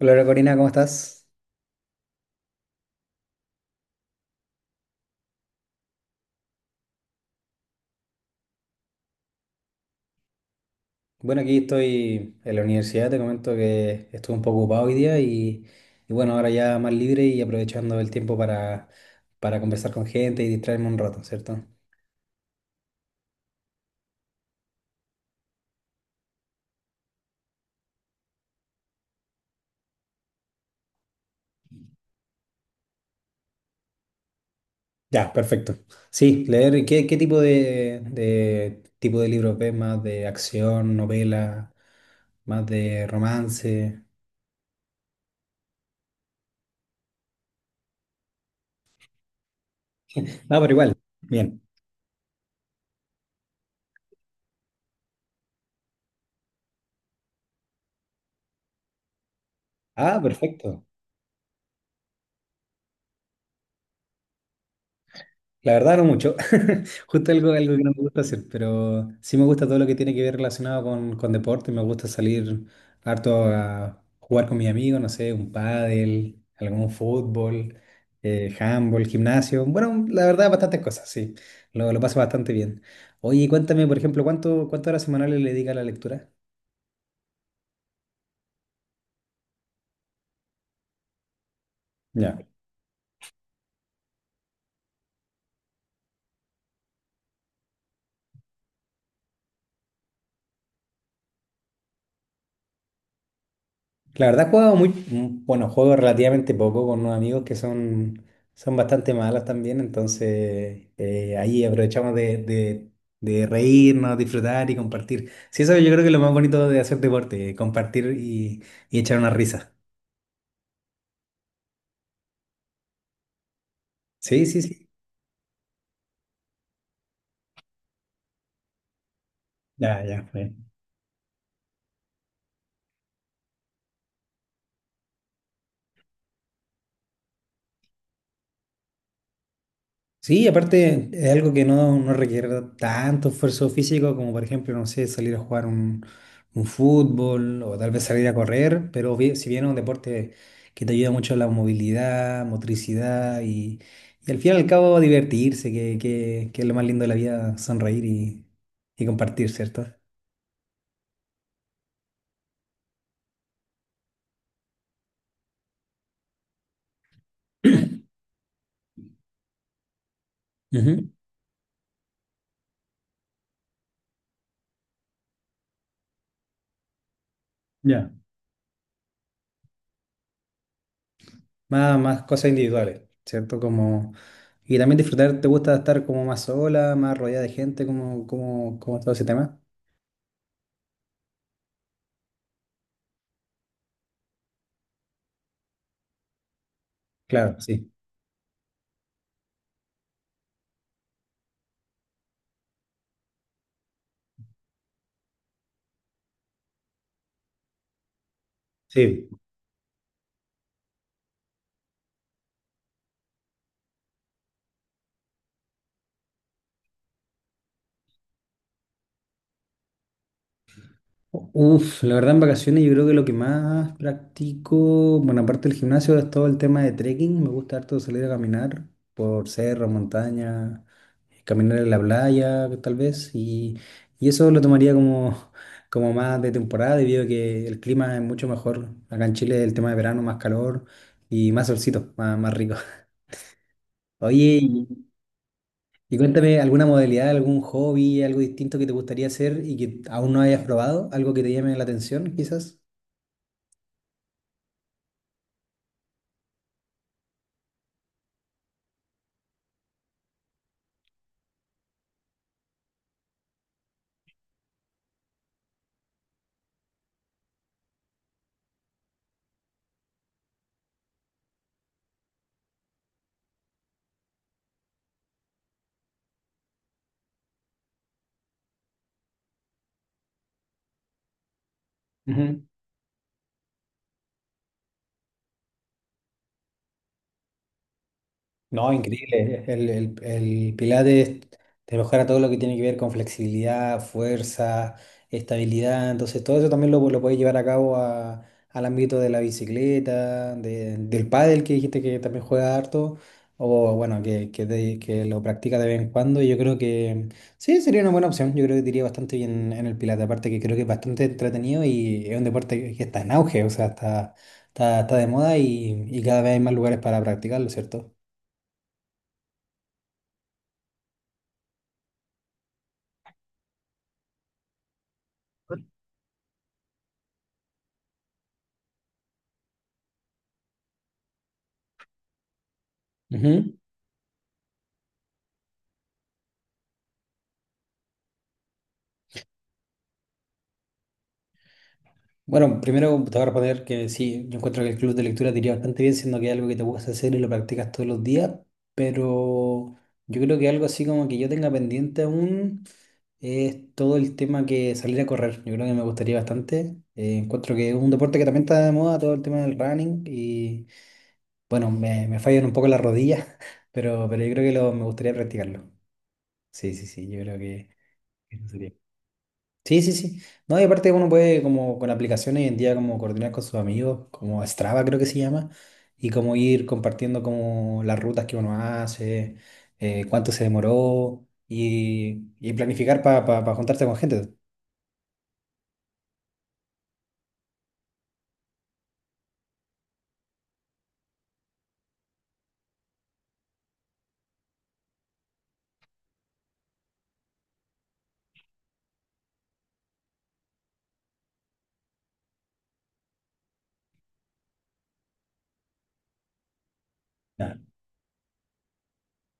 Hola Corina, ¿cómo estás? Bueno, aquí estoy en la universidad, te comento que estuve un poco ocupado hoy día y bueno, ahora ya más libre y aprovechando el tiempo para conversar con gente y distraerme un rato, ¿cierto? Ya, perfecto. Sí, leer, ¿qué tipo de libros ves? ¿Más de acción, novela, más de romance? Ah, pero igual, bien. Ah, perfecto. La verdad no mucho. Justo algo que no me gusta hacer, pero sí me gusta todo lo que tiene que ver relacionado con deporte. Me gusta salir harto a jugar con mis amigos, no sé, un pádel, algún fútbol, handball, gimnasio. Bueno, la verdad, bastantes cosas, sí. Lo paso bastante bien. Oye, cuéntame, por ejemplo, ¿cuántas horas semanales le dedica a la lectura? Ya. La verdad, he jugado muy, mm, bueno, juego relativamente poco con unos amigos son bastante malos también, entonces ahí aprovechamos de reírnos, disfrutar y compartir. Sí, eso yo creo que es lo más bonito de hacer deporte, y echar una risa. Sí, sí, sí. Ya, ya fue. Sí, aparte es algo que no requiere tanto esfuerzo físico como por ejemplo, no sé, salir a jugar un fútbol o tal vez salir a correr, pero si bien es un deporte que te ayuda mucho a la movilidad, y al fin y al cabo divertirse, que es lo más lindo de la vida, y compartir, ¿cierto? Ujú. Ya. Más cosas individuales, ¿cierto? Como, y también disfrutar, ¿te gusta estar como más sola, más rodeada de gente, como todo ese tema? Claro, sí. Sí. Uf, la verdad en vacaciones yo creo que lo que más practico, bueno, aparte del gimnasio, es todo el tema de trekking. Me gusta harto salir a caminar por cerro, montaña, caminar en la playa, tal vez. Y eso lo tomaría como, como más de temporada, debido a que el clima es mucho mejor. Acá en Chile el tema de verano, más calor y más solcito, más rico. Oye, y cuéntame alguna modalidad, algún hobby, algo distinto que te gustaría hacer y que aún no hayas probado, algo que te llame la atención, quizás. Ujú. No, increíble. El Pilates te mejora todo lo que tiene que ver con flexibilidad, fuerza, estabilidad. Entonces, todo eso también lo puedes llevar a cabo al ámbito de la bicicleta, del pádel que dijiste que también juega harto, o bueno, que lo practica de vez en cuando. Y yo creo que sí, sería una buena opción. Yo creo que te iría bastante bien en el Pilates. Aparte que creo que es bastante entretenido y es un deporte que está en auge, o sea, está de moda y cada vez hay más lugares para practicarlo, ¿cierto? Ujú. Bueno, primero te voy a responder que sí, yo encuentro que el club de lectura te iría bastante bien, siendo que es algo que te gusta hacer y lo practicas todos los días, pero yo creo que algo así como que yo tenga pendiente aún es todo el tema que salir a correr. Yo creo que me gustaría bastante. Encuentro que es un deporte que también está de moda, todo el tema del running, y bueno, me fallan un poco las rodillas, pero yo creo que me gustaría practicarlo. Sí, sí, sí, yo creo que eso sería. Sí, sí, sí. No, y aparte uno puede como con aplicaciones hoy en día como coordinar con sus amigos, como Strava creo que se llama, y como ir compartiendo como las rutas que uno hace, cuánto se demoró y planificar para juntarse con gente.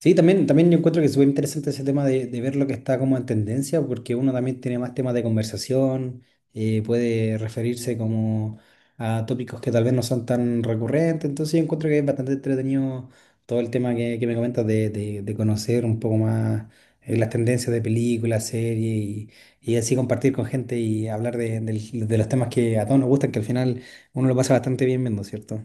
Sí, también, también yo encuentro que es súper interesante ese tema de ver lo que está como en tendencia, porque uno también tiene más temas de conversación, puede referirse como a tópicos que tal vez no son tan recurrentes, entonces yo encuentro que es bastante entretenido todo el tema que me comentas de conocer un poco más, las tendencias de películas, y así compartir con gente y hablar de los temas que a todos nos gustan, que al final uno lo pasa bastante bien viendo, ¿cierto?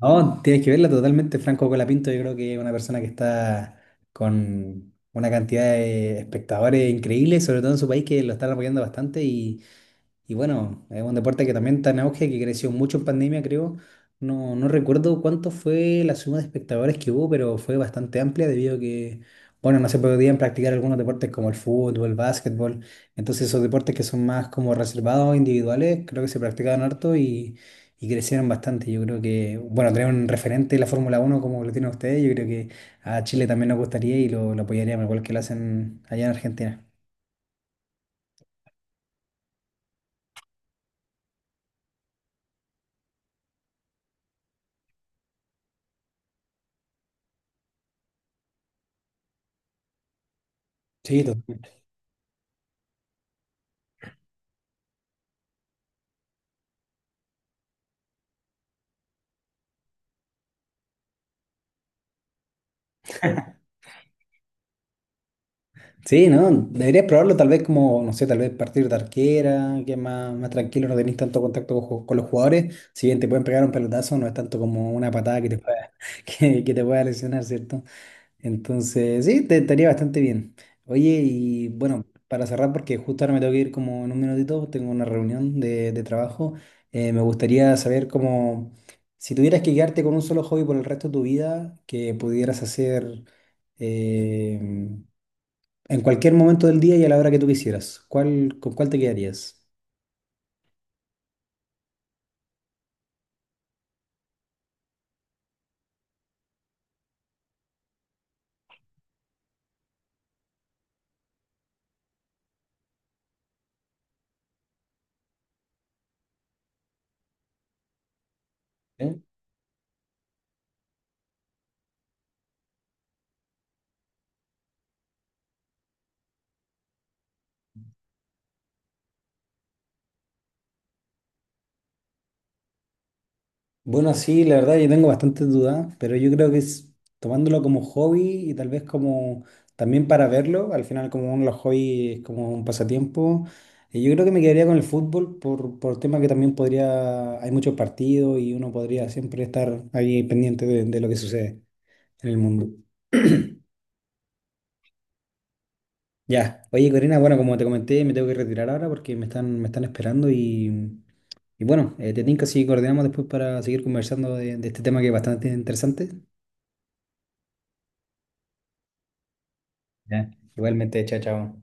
No, tienes que verla totalmente. Franco Colapinto, yo creo que es una persona que está con una cantidad de espectadores increíbles, sobre todo en su país, que lo están apoyando bastante. Y bueno, es un deporte que también está en auge, que creció mucho en pandemia, creo. No, no recuerdo cuánto fue la suma de espectadores que hubo, pero fue bastante amplia debido a que, bueno, no se podían practicar algunos deportes como el fútbol, el básquetbol. Entonces esos deportes que son más como reservados, individuales, creo que se practicaban harto y crecieron bastante. Yo creo que, bueno, tener un referente de la Fórmula Uno como lo tienen ustedes, yo creo que a Chile también nos gustaría y lo apoyaríamos igual que lo hacen allá en Argentina. Sí, totalmente. Sí, ¿no? Deberías probarlo tal vez como, no sé, tal vez partir de arquera, que es más, más tranquilo, no tenés tanto contacto con, con los jugadores. Si bien te pueden pegar un pelotazo, no es tanto como una patada que te pueda, que te pueda lesionar, ¿cierto? Entonces, sí, te estaría bastante bien. Oye, y bueno, para cerrar, porque justo ahora me tengo que ir como en un minutito, tengo una reunión de trabajo, me gustaría saber cómo, si tuvieras que quedarte con un solo hobby por el resto de tu vida, que pudieras hacer... em, en cualquier momento del día y a la hora que tú quisieras, ¿con cuál te quedarías? ¿Eh? Bueno, sí, la verdad yo tengo bastante dudas, pero yo creo que es tomándolo como hobby y tal vez como también para verlo, al final como uno de los hobbies es como un pasatiempo, y yo creo que me quedaría con el fútbol por tema que también podría, hay muchos partidos y uno podría siempre estar ahí pendiente de lo que sucede en el mundo. Ya, oye Corina, bueno, como te comenté, me tengo que retirar ahora porque me están esperando y... Y bueno, te tinca si coordinamos después para seguir conversando de este tema que es bastante interesante. Ya. Igualmente, chao, chao.